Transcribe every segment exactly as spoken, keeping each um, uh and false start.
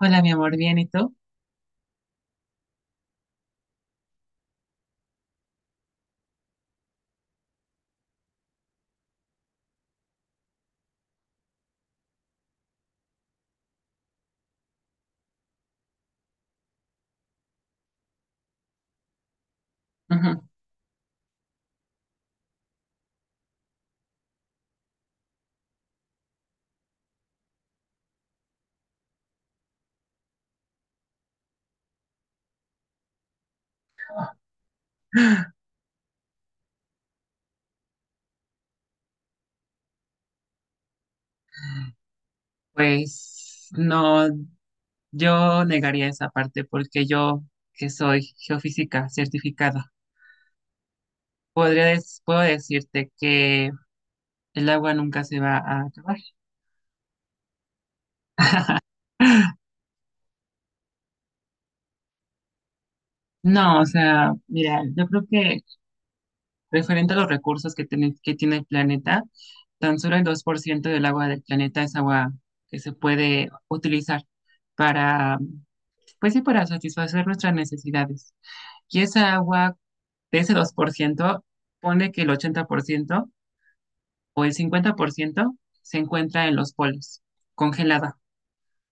Hola, mi amor, bien, ¿y tú? Ujú. Pues no, yo negaría esa parte porque yo, que soy geofísica certificada, podría des- puedo decirte que el agua nunca se va a acabar. No, o sea, mira, yo creo que referente a los recursos que tiene, que tiene el planeta, tan solo el dos por ciento del agua del planeta es agua que se puede utilizar para, pues sí, para satisfacer nuestras necesidades. Y esa agua, de ese dos por ciento pone que el ochenta por ciento o el cincuenta por ciento se encuentra en los polos, congelada.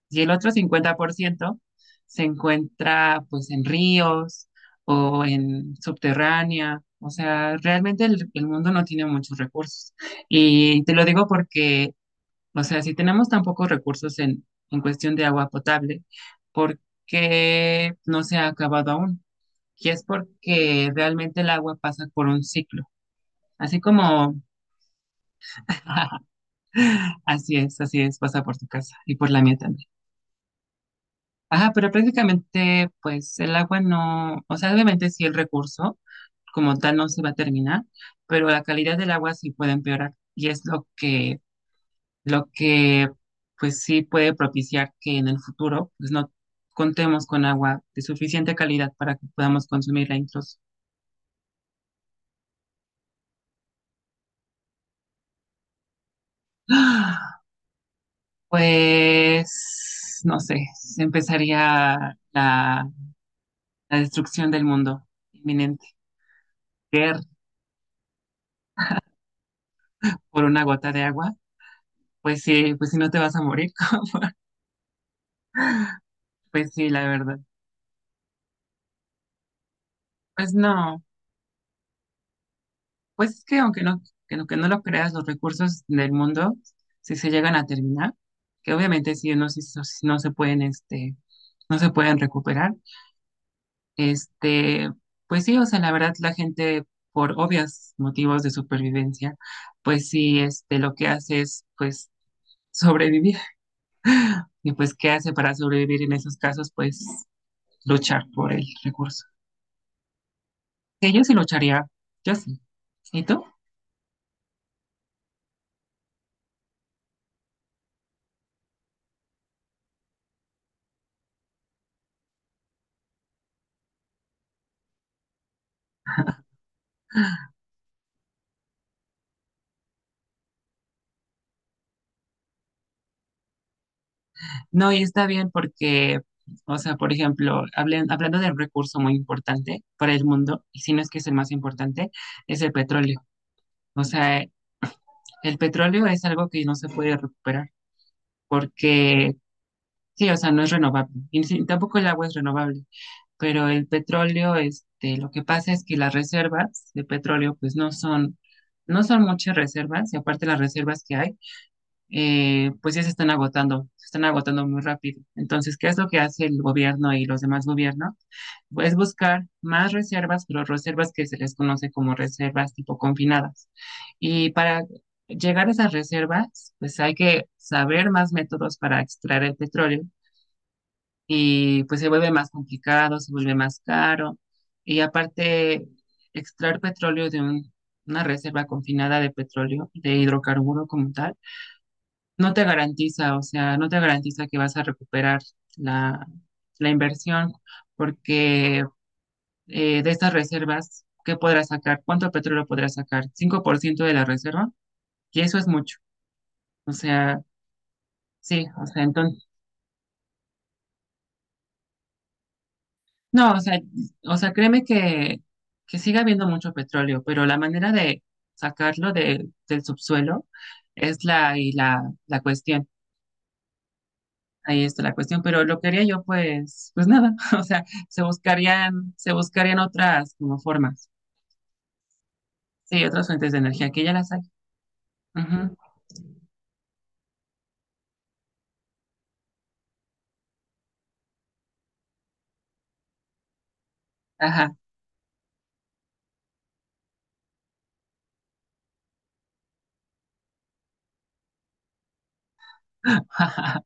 Y el otro cincuenta por ciento se encuentra pues en ríos o en subterránea. O sea, realmente el, el mundo no tiene muchos recursos. Y te lo digo porque, o sea, si tenemos tan pocos recursos en, en cuestión de agua potable, ¿por qué no se ha acabado aún? Que es porque realmente el agua pasa por un ciclo. Así como, así es, así es, pasa por tu casa y por la mía también. Ajá, pero prácticamente, pues el agua no, o sea, obviamente sí el recurso como tal no se va a terminar, pero la calidad del agua sí puede empeorar y es lo que, lo que, pues sí puede propiciar que en el futuro, pues no contemos con agua de suficiente calidad para que podamos consumirla incluso. Pues, no sé, empezaría la, la destrucción del mundo inminente. Guerra por una gota de agua, pues sí, pues si no te vas a morir, pues sí, la verdad. Pues no, pues es que aunque no, que no, que no lo creas, los recursos del mundo, si se llegan a terminar, que obviamente sí, no, sí, so- sí, no se pueden, este, no se pueden recuperar. Este, pues sí, o sea, la verdad la gente por obvios motivos de supervivencia, pues sí, este, lo que hace es pues sobrevivir. Y pues, ¿qué hace para sobrevivir en esos casos? Pues luchar por el recurso. Que yo sí lucharía, yo sí. ¿Y tú? No, y está bien porque, o sea, por ejemplo, hablen- hablando del recurso muy importante para el mundo, y si no es que es el más importante, es el petróleo. O sea, el petróleo es algo que no se puede recuperar porque. Sí, o sea, no es renovable. Y sí, tampoco el agua es renovable, pero el petróleo, este, lo que pasa es que las reservas de petróleo, pues no son, no son muchas reservas, y aparte las reservas que hay, eh, pues ya se están agotando, se están agotando, muy rápido. Entonces, ¿qué es lo que hace el gobierno y los demás gobiernos? Pues buscar más reservas, pero reservas que se les conoce como reservas tipo confinadas. Y para llegar a esas reservas, pues hay que saber más métodos para extraer el petróleo y pues se vuelve más complicado, se vuelve más caro. Y aparte, extraer petróleo de un- una reserva confinada de petróleo, de hidrocarburo como tal, no te garantiza, o sea, no te garantiza que vas a recuperar la, la inversión, porque eh, de estas reservas, ¿qué podrás sacar? ¿Cuánto petróleo podrás sacar? Cinco por ciento de la reserva. Y eso es mucho. O sea, sí, o sea, entonces. No, o sea, o sea, créeme que, que sigue habiendo mucho petróleo, pero la manera de sacarlo de, del subsuelo es la, y la, la cuestión. Ahí está la cuestión, pero lo que haría yo, pues, pues nada, o sea, se buscarían, se buscarían otras como formas, sí, otras fuentes de energía, que ya las hay. Ujú. Ajá.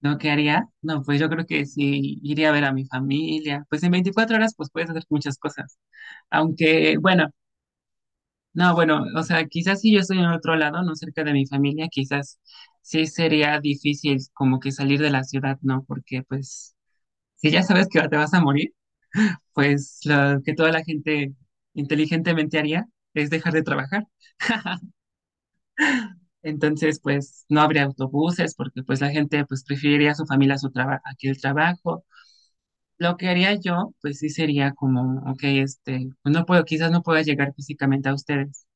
¿Lo que haría? No, pues yo creo que sí, iría a ver a mi familia, pues en veinticuatro horas, pues puedes hacer muchas cosas. Aunque, bueno. No, bueno, o sea, quizás si yo estoy en otro lado, no cerca de mi familia, quizás sí sería difícil como que salir de la ciudad, ¿no? Porque pues si ya sabes que te vas a morir, pues lo que toda la gente inteligentemente haría es dejar de trabajar. Entonces, pues no habría autobuses porque pues la gente pues preferiría a su familia a su trabajo, aquí el trabajo. Lo que haría yo, pues sí sería como, ok, este, pues no puedo, quizás no pueda llegar físicamente a ustedes.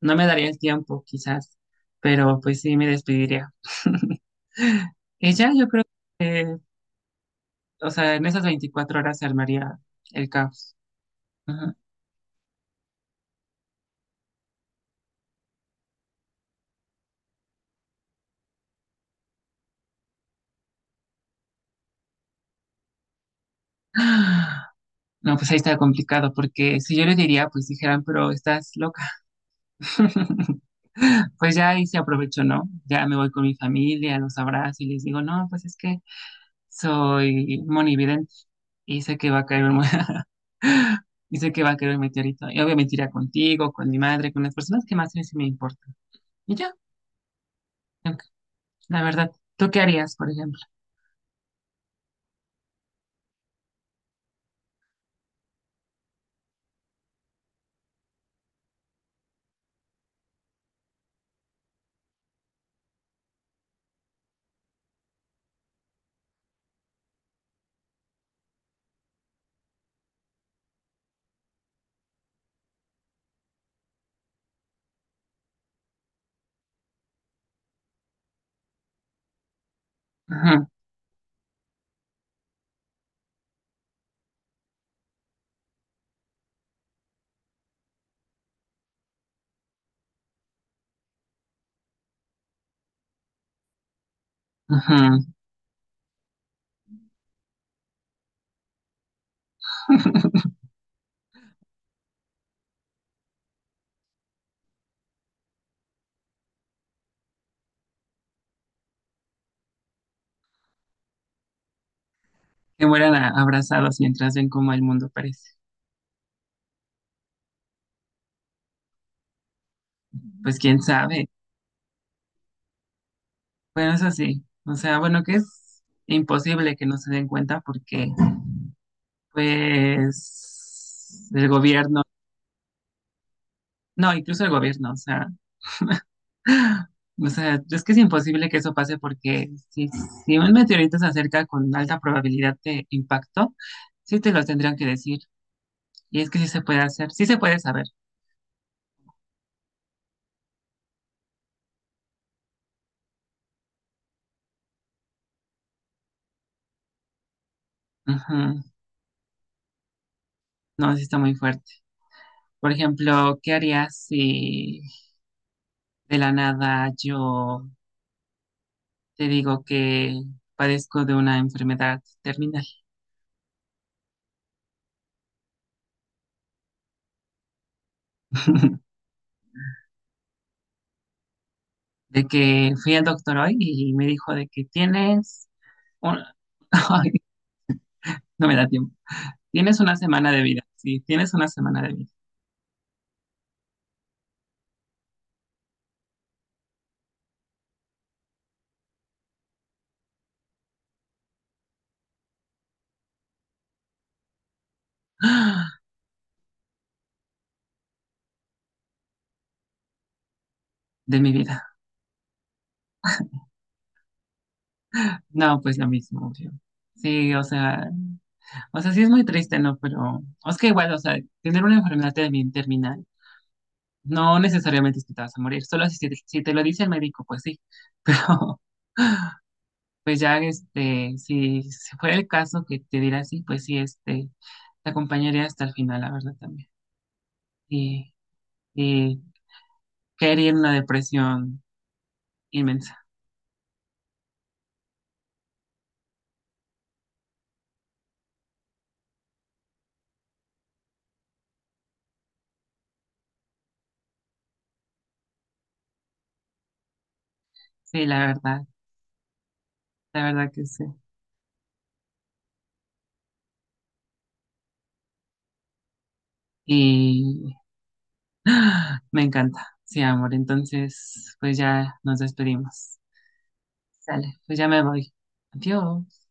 No me daría el tiempo, quizás, pero pues sí me despediría. Ella, yo creo que, o sea, en esas veinticuatro horas se armaría el caos. Ajá. No, pues ahí está complicado, porque si yo le diría, pues dijeran, pero estás loca. Pues ya ahí se aprovechó, ¿no? Ya me voy con mi familia, los abrazo y les digo, no, pues es que soy monividente y sé que va a caer un... Y sé que va a caer un meteorito. Y obviamente irá contigo, con mi madre, con las personas que más me, sí me importan. Y ya, ok, la verdad. ¿Tú qué harías, por ejemplo? Ajá, ajá. Que mueran a- abrazados mientras ven cómo el mundo parece. Pues quién sabe. Bueno, eso sí. O sea, bueno, que es imposible que no se den cuenta porque, pues, el gobierno, no, incluso el gobierno, o sea. O sea, es que es imposible que eso pase porque si, si, un meteorito se acerca con alta probabilidad de impacto, sí te lo tendrían que decir. Y es que sí se puede hacer, sí se puede saber. Ujú. No, sí está muy fuerte. Por ejemplo, ¿qué harías si de la nada yo te digo que padezco de una enfermedad terminal? De que fui al doctor hoy y me dijo de que tienes un... Ay, no me da tiempo. Tienes una semana de vida. Sí, tienes una semana de vida. De mi vida. No, pues lo mismo, obvio. Sí, o sea, o sea, sí es muy triste, ¿no? Pero es que igual, o sea, tener una enfermedad termi- terminal no necesariamente es que te vas a morir, solo si, te- si te lo dice el médico, pues sí, pero pues ya, este, si, si fuera el caso que te diera así, pues sí, este, te acompañaría hasta el final, la verdad, también. Y, y caería en una depresión inmensa, sí, la verdad, la verdad que sí. Me encanta. Sí, amor. Entonces, pues ya nos despedimos. Sale, pues ya me voy. Adiós.